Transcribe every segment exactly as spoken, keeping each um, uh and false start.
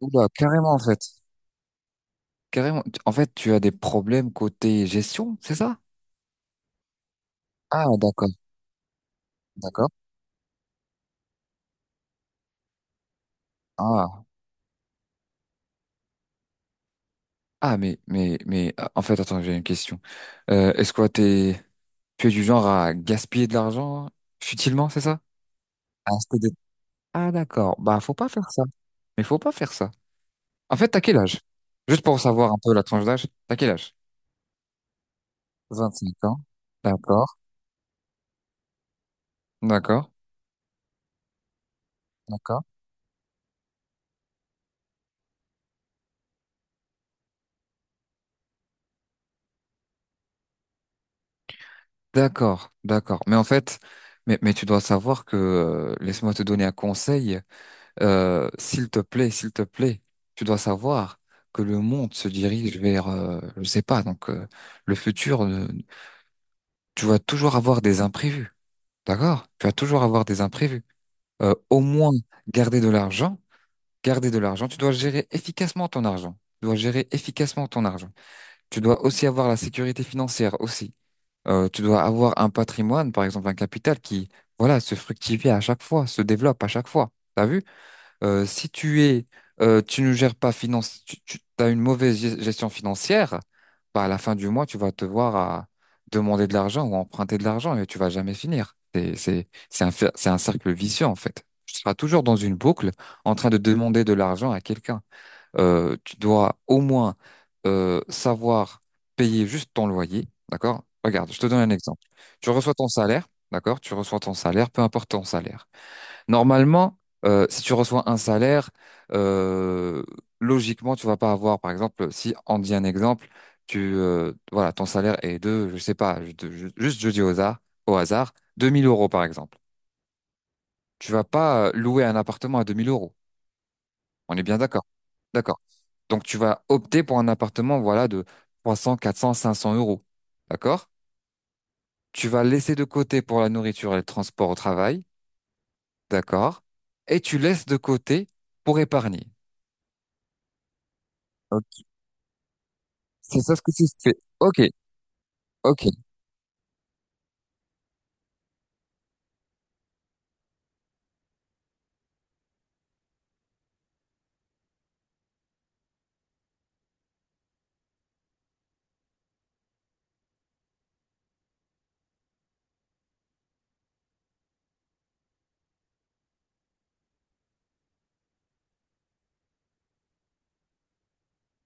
Oula, carrément en fait. Carrément. Tu- En fait, tu as des problèmes côté gestion, c'est ça? Ah, d'accord, d'accord. Ah, ah, mais, mais, mais, ah, en fait, attends, j'ai une question. Euh, est-ce que t'es, tu es du genre à gaspiller de l'argent futilement, c'est ça? Ah, c'était des- Ah, d'accord. Bah, faut pas faire ça. Mais faut pas faire ça. En fait, t'as quel âge? Juste pour savoir un peu la tranche d'âge, t'as quel âge? vingt-cinq ans. D'accord, d'accord, d'accord. D'accord, d'accord. Mais en fait, mais, mais tu dois savoir que, euh, laisse-moi te donner un conseil, euh, s'il te plaît, s'il te plaît, tu dois savoir que le monde se dirige vers, euh, je sais pas, donc euh, le futur, euh, tu vas toujours avoir des imprévus, d'accord? Tu vas toujours avoir des imprévus. Euh, au moins, garder de l'argent, garder de l'argent, tu dois gérer efficacement ton argent. Tu dois gérer efficacement ton argent. Tu dois aussi avoir la sécurité financière aussi. Euh, tu dois avoir un patrimoine, par exemple un capital qui, voilà, se fructifie à chaque fois, se développe à chaque fois. T'as vu? Euh, si tu es, euh, Tu ne gères pas finance, tu, tu as une mauvaise ge- gestion financière. Bah, à la fin du mois, tu vas te voir à demander de l'argent ou emprunter de l'argent et tu vas jamais finir. C'est, c'est, c'est un, fer- c'est un cercle vicieux, en fait. Tu seras toujours dans une boucle en train de demander de l'argent à quelqu'un. Euh, tu dois au moins euh, savoir payer juste ton loyer, d'accord? Regarde, je te donne un exemple. Tu reçois ton salaire, d'accord? Tu reçois ton salaire, peu importe ton salaire. Normalement, euh, si tu reçois un salaire, euh, logiquement, tu vas pas avoir, par exemple, si on dit un exemple, tu, euh, voilà, ton salaire est de, je sais pas, je- je- juste je dis au hasard, au hasard, deux mille euros par exemple. Tu vas pas euh, louer un appartement à deux mille euros. On est bien d'accord. D'accord. Donc tu vas opter pour un appartement, voilà, de trois cents quatre cents cinq cents euros. D'accord? Tu vas laisser de côté pour la nourriture et le transport au travail. D'accord? Et tu laisses de côté pour épargner. Ok. C'est ça ce que tu fais. Ok, ok,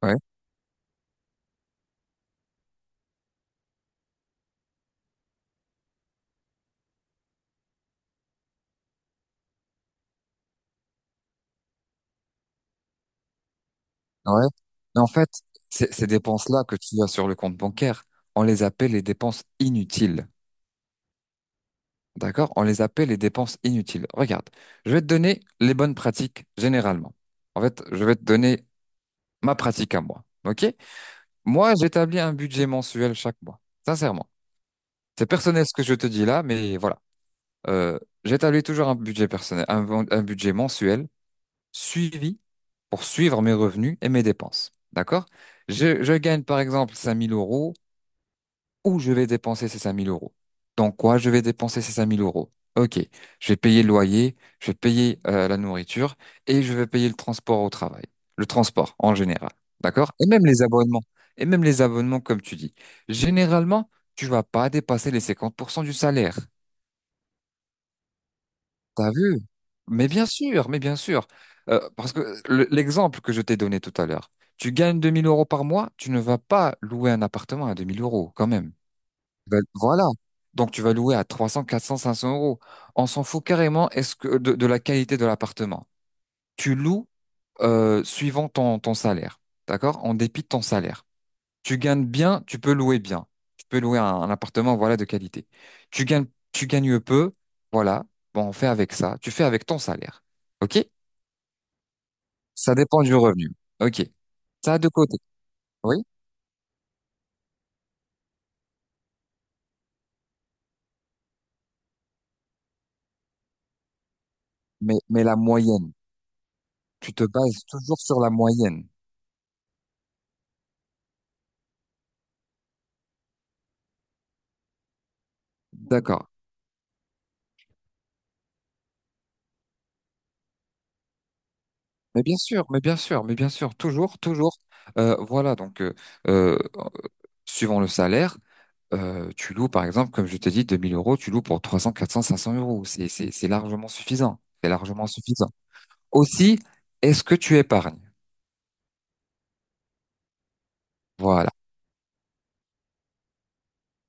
ouais, ouais. Mais en fait, ces ces dépenses-là que tu as sur le compte bancaire, on les appelle les dépenses inutiles. D'accord? On les appelle les dépenses inutiles. Regarde, je vais te donner les bonnes pratiques généralement. En fait, je vais te donner ma pratique à moi. Ok? Moi, j'établis un budget mensuel chaque mois, sincèrement. C'est personnel ce que je te dis là, mais voilà. Euh, J'établis toujours un budget personnel, un, un budget mensuel suivi pour suivre mes revenus et mes dépenses. D'accord? Je, je gagne par exemple cinq mille euros où je vais dépenser ces cinq mille euros. Dans quoi je vais dépenser ces cinq mille euros? Ok, je vais payer le loyer, je vais payer euh, la nourriture et je vais payer le transport au travail. Le transport en général, d'accord? Et même les abonnements. Et même les abonnements, comme tu dis. Généralement, tu vas pas dépasser les cinquante pour cent du salaire. T'as vu? Mais bien sûr, mais bien sûr. Euh, parce que le- l'exemple que je t'ai donné tout à l'heure, tu gagnes deux mille euros par mois, tu ne vas pas louer un appartement à deux mille euros quand même. Tu Voilà. Donc tu vas louer à trois cents, quatre cents, cinq cents euros. On s'en fout carrément est-ce que de, de la qualité de l'appartement. Tu loues euh, suivant ton, ton salaire, d'accord? En dépit de ton salaire. Tu gagnes bien, tu peux louer bien. Tu peux louer un, un appartement, voilà, de qualité. Tu gagnes, tu gagnes peu, voilà. Bon, on fait avec ça. Tu fais avec ton salaire. OK? Ça dépend du revenu. OK. Ça de côté. Oui, mais, mais la moyenne. Tu te bases toujours sur la moyenne. D'accord. Mais bien sûr, mais bien sûr, mais bien sûr, toujours, toujours. Euh, voilà, donc euh, euh, suivant le salaire, euh, tu loues par exemple, comme je t'ai dit, deux mille euros, tu loues pour trois cents, quatre cents, cinq cents euros. C'est, c'est, c'est largement suffisant. C'est largement suffisant. Aussi, est-ce que tu épargnes? Voilà.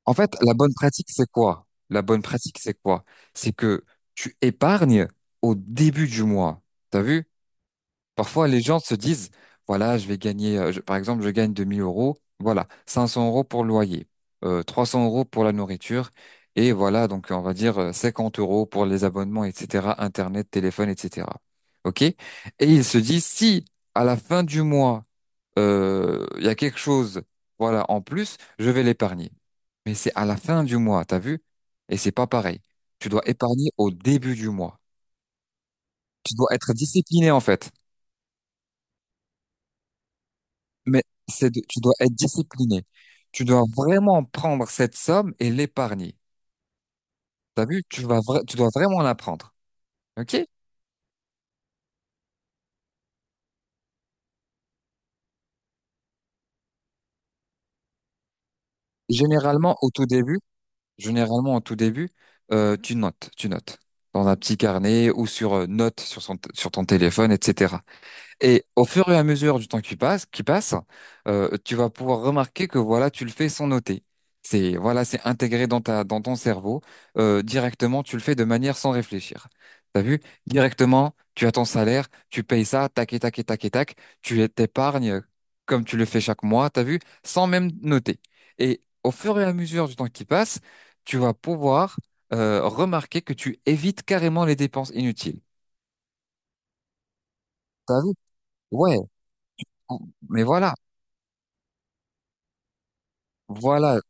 En fait, la bonne pratique, c'est quoi? La bonne pratique, c'est quoi? C'est que tu épargnes au début du mois. T'as vu? Parfois, les gens se disent, voilà, je vais gagner, euh, je- par exemple, je gagne deux mille euros, voilà, cinq cents euros pour le loyer, euh, trois cents euros pour la nourriture, et voilà, donc on va dire euh, cinquante euros pour les abonnements, et cetera, Internet, téléphone, et cetera. OK? Et ils se disent, si à la fin du mois, euh, il y a quelque chose, voilà, en plus, je vais l'épargner. Mais c'est à la fin du mois, t'as vu? Et c'est pas pareil. Tu dois épargner au début du mois. Tu dois être discipliné, en fait. Mais c'est de- tu dois être discipliné. Tu dois vraiment prendre cette somme et l'épargner. T'as vu? Tu vas vra- tu dois vraiment la prendre. OK? Généralement, au tout début, généralement, au tout début, euh, tu notes, tu notes dans un petit carnet ou sur euh, notes sur son sur ton téléphone, et cetera. Et au fur et à mesure du temps qui passe, qui passe, euh, tu vas pouvoir remarquer que voilà, tu le fais sans noter. C'est Voilà, c'est intégré dans ta dans ton cerveau, Euh, directement. Tu le fais de manière sans réfléchir. T'as vu? Directement, tu as ton salaire, tu payes ça, tac et tac et tac et tac. Tu t'épargnes comme tu le fais chaque mois. T'as vu? Sans même noter. Et au fur et à mesure du temps qui passe, tu vas pouvoir euh, remarquer que tu évites carrément les dépenses inutiles. T'as vu? Ouais. Mais voilà. Voilà,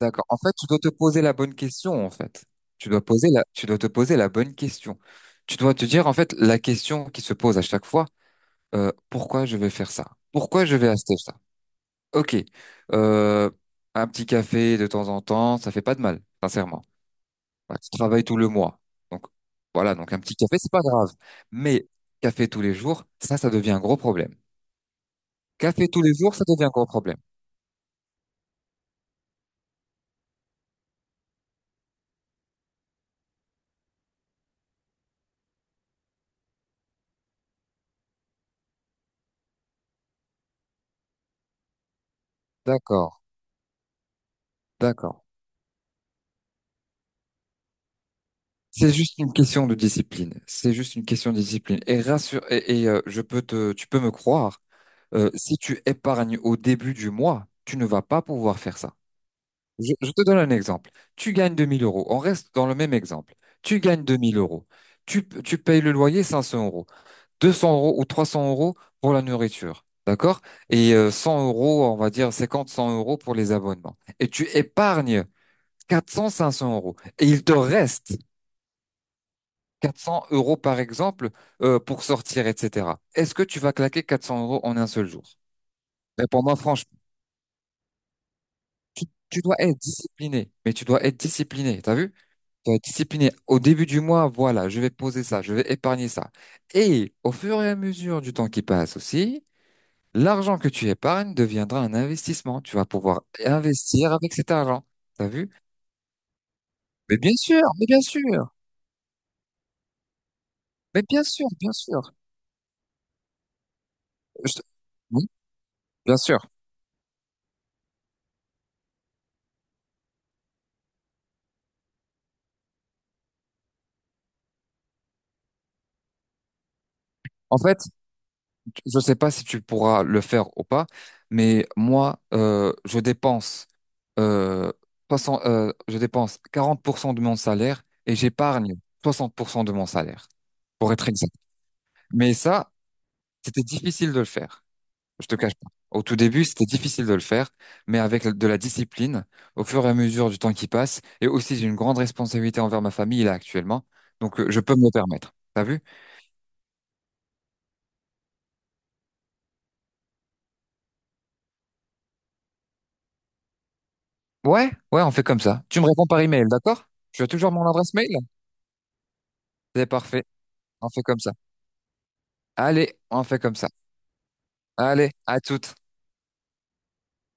d'accord. En fait, tu dois te poser la bonne question, en fait. Tu dois poser la, tu dois te poser la bonne question. Tu dois te dire, en fait, la question qui se pose à chaque fois, euh, pourquoi je vais faire ça? Pourquoi je vais acheter ça? Ok, euh, un petit café de temps en temps, ça fait pas de mal, sincèrement. Ouais, tu travailles tout le mois. Donc, voilà, donc un petit café, c'est pas grave. Mais café tous les jours, ça, ça devient un gros problème. Café tous les jours, ça devient un gros problème. D'accord, d'accord. C'est juste une question de discipline. C'est juste une question de discipline. Et rassure, et, et, euh, je peux te, tu peux me croire, euh, si tu épargnes au début du mois, tu ne vas pas pouvoir faire ça. Je, je te donne un exemple. Tu gagnes deux mille euros. On reste dans le même exemple. Tu gagnes deux mille euros. Tu, tu payes le loyer cinq cents euros. deux cents euros ou trois cents euros pour la nourriture. D'accord? Et euh, cent euros, on va dire cinquante, cent euros pour les abonnements. Et tu épargnes quatre cents, cinq cents euros. Et il te reste quatre cents euros, par exemple, euh, pour sortir, et cetera. Est-ce que tu vas claquer quatre cents euros en un seul jour? Mais pour moi, franchement, tu, tu dois être discipliné. Mais tu dois être discipliné. T'as vu? Tu dois être discipliné. Au début du mois, voilà, je vais poser ça, je vais épargner ça. Et au fur et à mesure du temps qui passe aussi, l'argent que tu épargnes deviendra un investissement. Tu vas pouvoir investir avec cet argent. T'as vu? Mais bien sûr, mais bien sûr, mais bien sûr, bien sûr. Je te- Oui, bien sûr. En fait, je ne sais pas si tu pourras le faire ou pas, mais moi, euh, je dépense, euh, soixante euh, je dépense quarante pour cent de mon salaire et j'épargne soixante pour cent de mon salaire, pour être exact. Mais ça, c'était difficile de le faire. Je te cache pas. Au tout début, c'était difficile de le faire, mais avec de la discipline, au fur et à mesure du temps qui passe, et aussi j'ai une grande responsabilité envers ma famille là actuellement, donc euh, je peux me le permettre. T'as vu? Ouais, ouais, on fait comme ça. Tu me réponds par email, d'accord? Tu as toujours mon adresse mail? C'est parfait. On fait comme ça. Allez, on fait comme ça. Allez, à toutes.